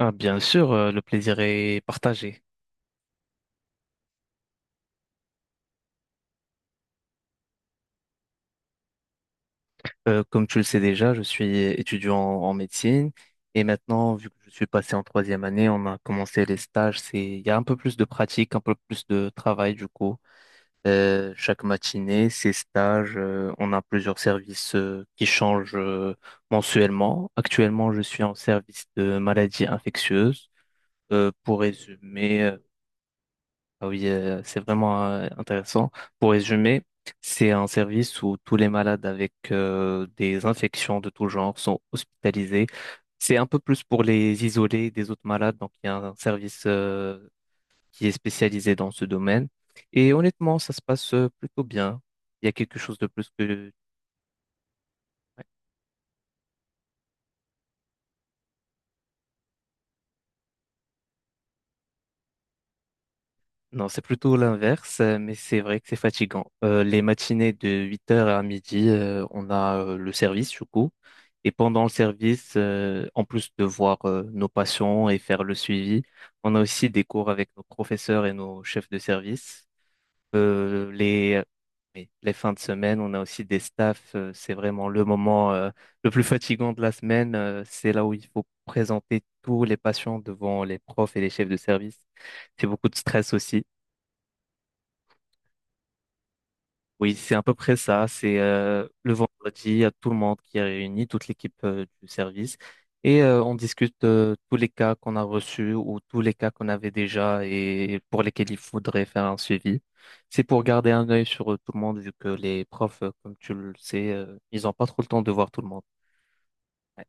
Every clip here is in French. Ah, bien sûr, le plaisir est partagé. Comme tu le sais déjà, je suis étudiant en médecine et maintenant, vu que je suis passé en troisième année, on a commencé les stages. Il y a un peu plus de pratique, un peu plus de travail du coup. Chaque matinée, ces stages, on a plusieurs services qui changent mensuellement. Actuellement, je suis en service de maladies infectieuses. Euh, pour résumer, euh, Ah oui, c'est vraiment intéressant. Pour résumer, c'est un service où tous les malades avec des infections de tout genre sont hospitalisés. C'est un peu plus pour les isoler des autres malades, donc il y a un service qui est spécialisé dans ce domaine. Et honnêtement, ça se passe plutôt bien. Il y a quelque chose de plus que non, c'est plutôt l'inverse, mais c'est vrai que c'est fatigant. Les matinées de huit heures à midi, on a le service du coup. Et pendant le service, en plus de voir nos patients et faire le suivi, on a aussi des cours avec nos professeurs et nos chefs de service. Euh, les, oui, les fins de semaine, on a aussi des staffs. C'est vraiment le moment le plus fatigant de la semaine. Euh, c'est là où il faut présenter tous les patients devant les profs et les chefs de service. C'est beaucoup de stress aussi. Oui, c'est à peu près ça. C'est Le vendredi, il y a tout le monde qui est réuni, toute l'équipe du service, et on discute tous les cas qu'on a reçus ou tous les cas qu'on avait déjà et pour lesquels il faudrait faire un suivi. C'est pour garder un œil sur tout le monde, vu que les profs, comme tu le sais, ils n'ont pas trop le temps de voir tout le monde. Ouais,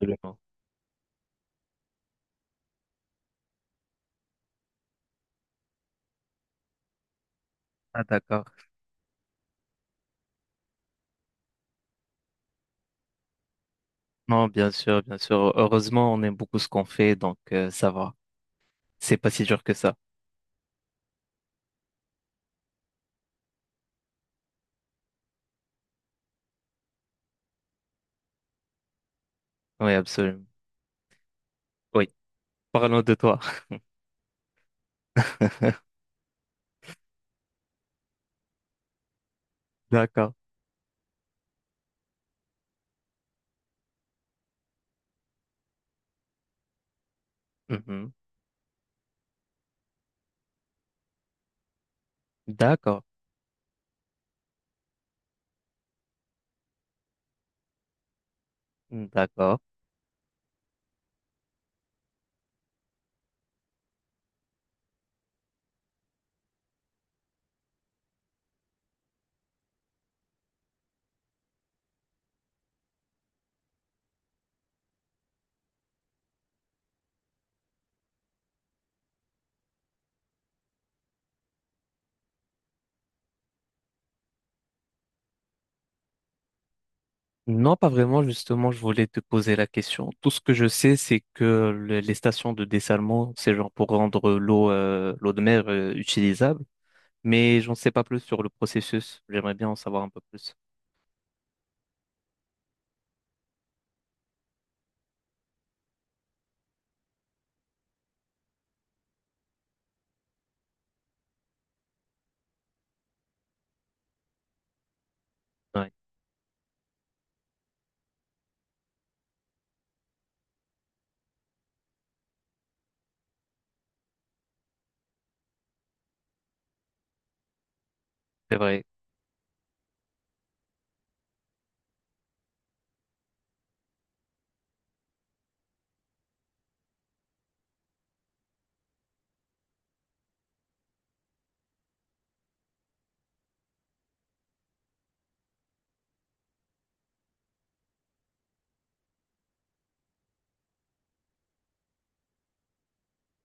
absolument. Ah, d'accord. Non, bien sûr, bien sûr. Heureusement, on aime beaucoup ce qu'on fait, donc ça va. C'est pas si dur que ça. Oui, absolument. Oui. Parlons de toi. D'accord. Mhm. D'accord, d'accord. Non, pas vraiment, justement, je voulais te poser la question. Tout ce que je sais, c'est que les stations de dessalement, c'est genre pour rendre l'eau de mer utilisable, mais j'en sais pas plus sur le processus. J'aimerais bien en savoir un peu plus. Ouais, c'est vrai.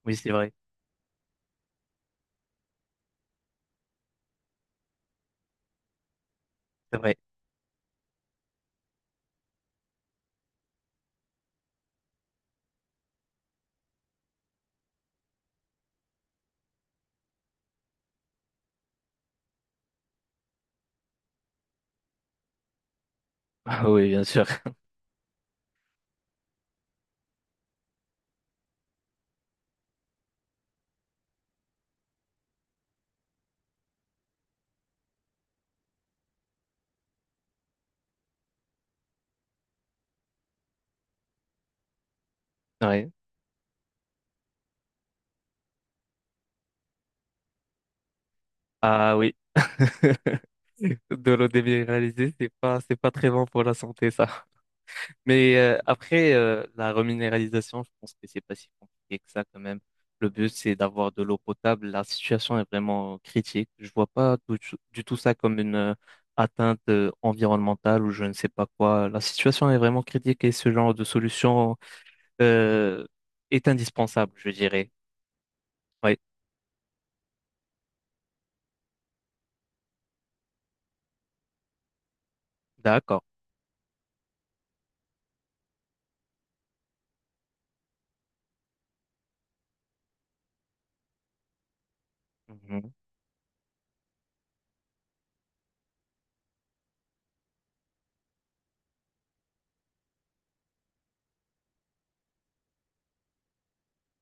Oui, c'est vrai. C'est vrai. Ah oui, bien sûr. Ouais. Ah oui. De l'eau déminéralisée, c'est pas très bon pour la santé, ça. Mais après, la reminéralisation, je pense que c'est pas si compliqué que ça quand même. Le but, c'est d'avoir de l'eau potable. La situation est vraiment critique. Je vois pas tout du tout ça comme une atteinte environnementale ou je ne sais pas quoi. La situation est vraiment critique et ce genre de solution euh, est indispensable, je dirais. Oui, d'accord. Mhm,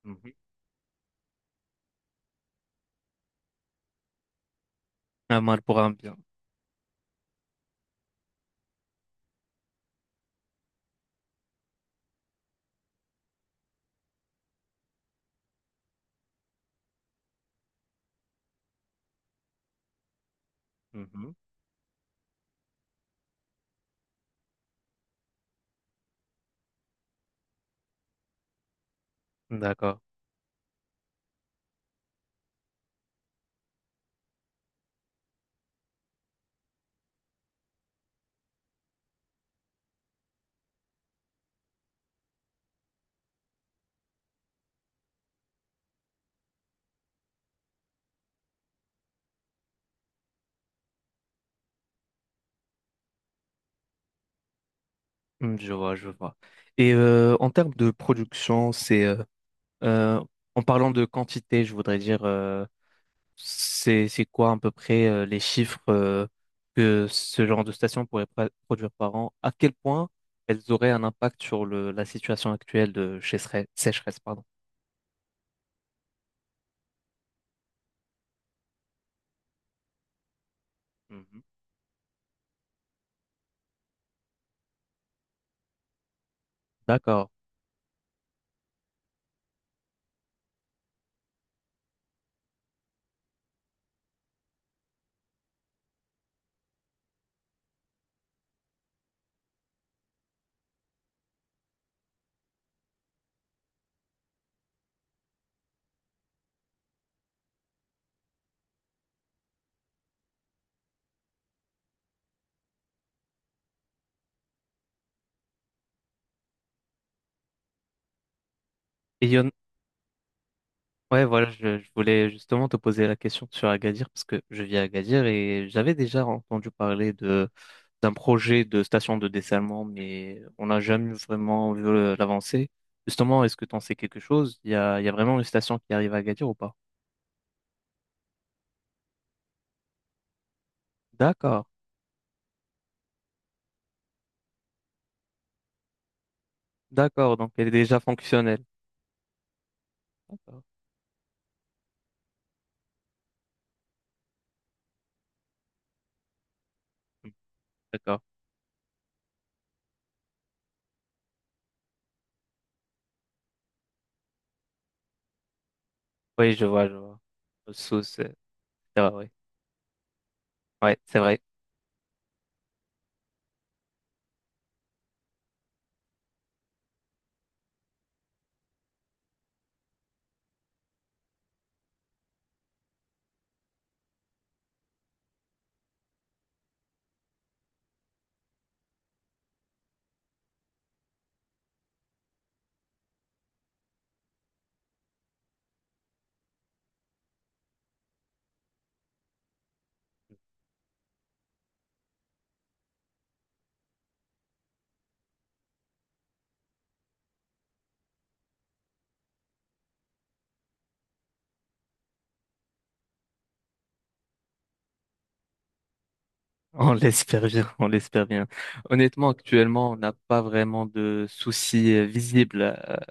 mhm. Un mal pour un bien. Mhm, d'accord. Mm, je vois, je vois. Et en termes de production, Euh, en parlant de quantité, je voudrais dire, c'est quoi à peu près les chiffres que ce genre de station pourrait produire par an? À quel point elles auraient un impact sur la situation actuelle de sécheresse, pardon. Mhm. D'accord. Et il y en ouais, voilà, je voulais justement te poser la question sur Agadir parce que je vis à Agadir et j'avais déjà entendu parler de d'un projet de station de dessalement, mais on n'a jamais vraiment vu l'avancée. Justement, est-ce que tu en sais quelque chose? Il y a vraiment une station qui arrive à Agadir ou pas? D'accord, d'accord, donc elle est déjà fonctionnelle. D'accord, hmm, d'accord. Oui, je vois, je vois. Sous, c'est vrai, oui. Ouais, c'est vrai. On l'espère bien, on l'espère bien. Honnêtement, actuellement, on n'a pas vraiment de soucis visibles à,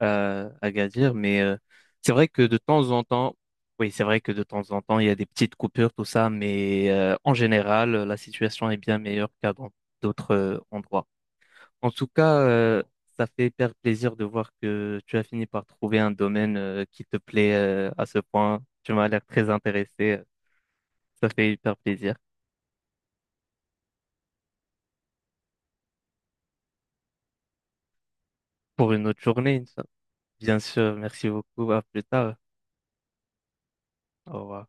à, à Gadir, mais c'est vrai que de temps en temps, oui, c'est vrai que de temps en temps, il y a des petites coupures, tout ça, mais en général, la situation est bien meilleure qu'à dans d'autres endroits. En tout cas, ça fait hyper plaisir de voir que tu as fini par trouver un domaine qui te plaît à ce point. Tu m'as l'air très intéressé. Ça fait hyper plaisir. Pour une autre journée, bien sûr, merci beaucoup. À plus tard. Au revoir.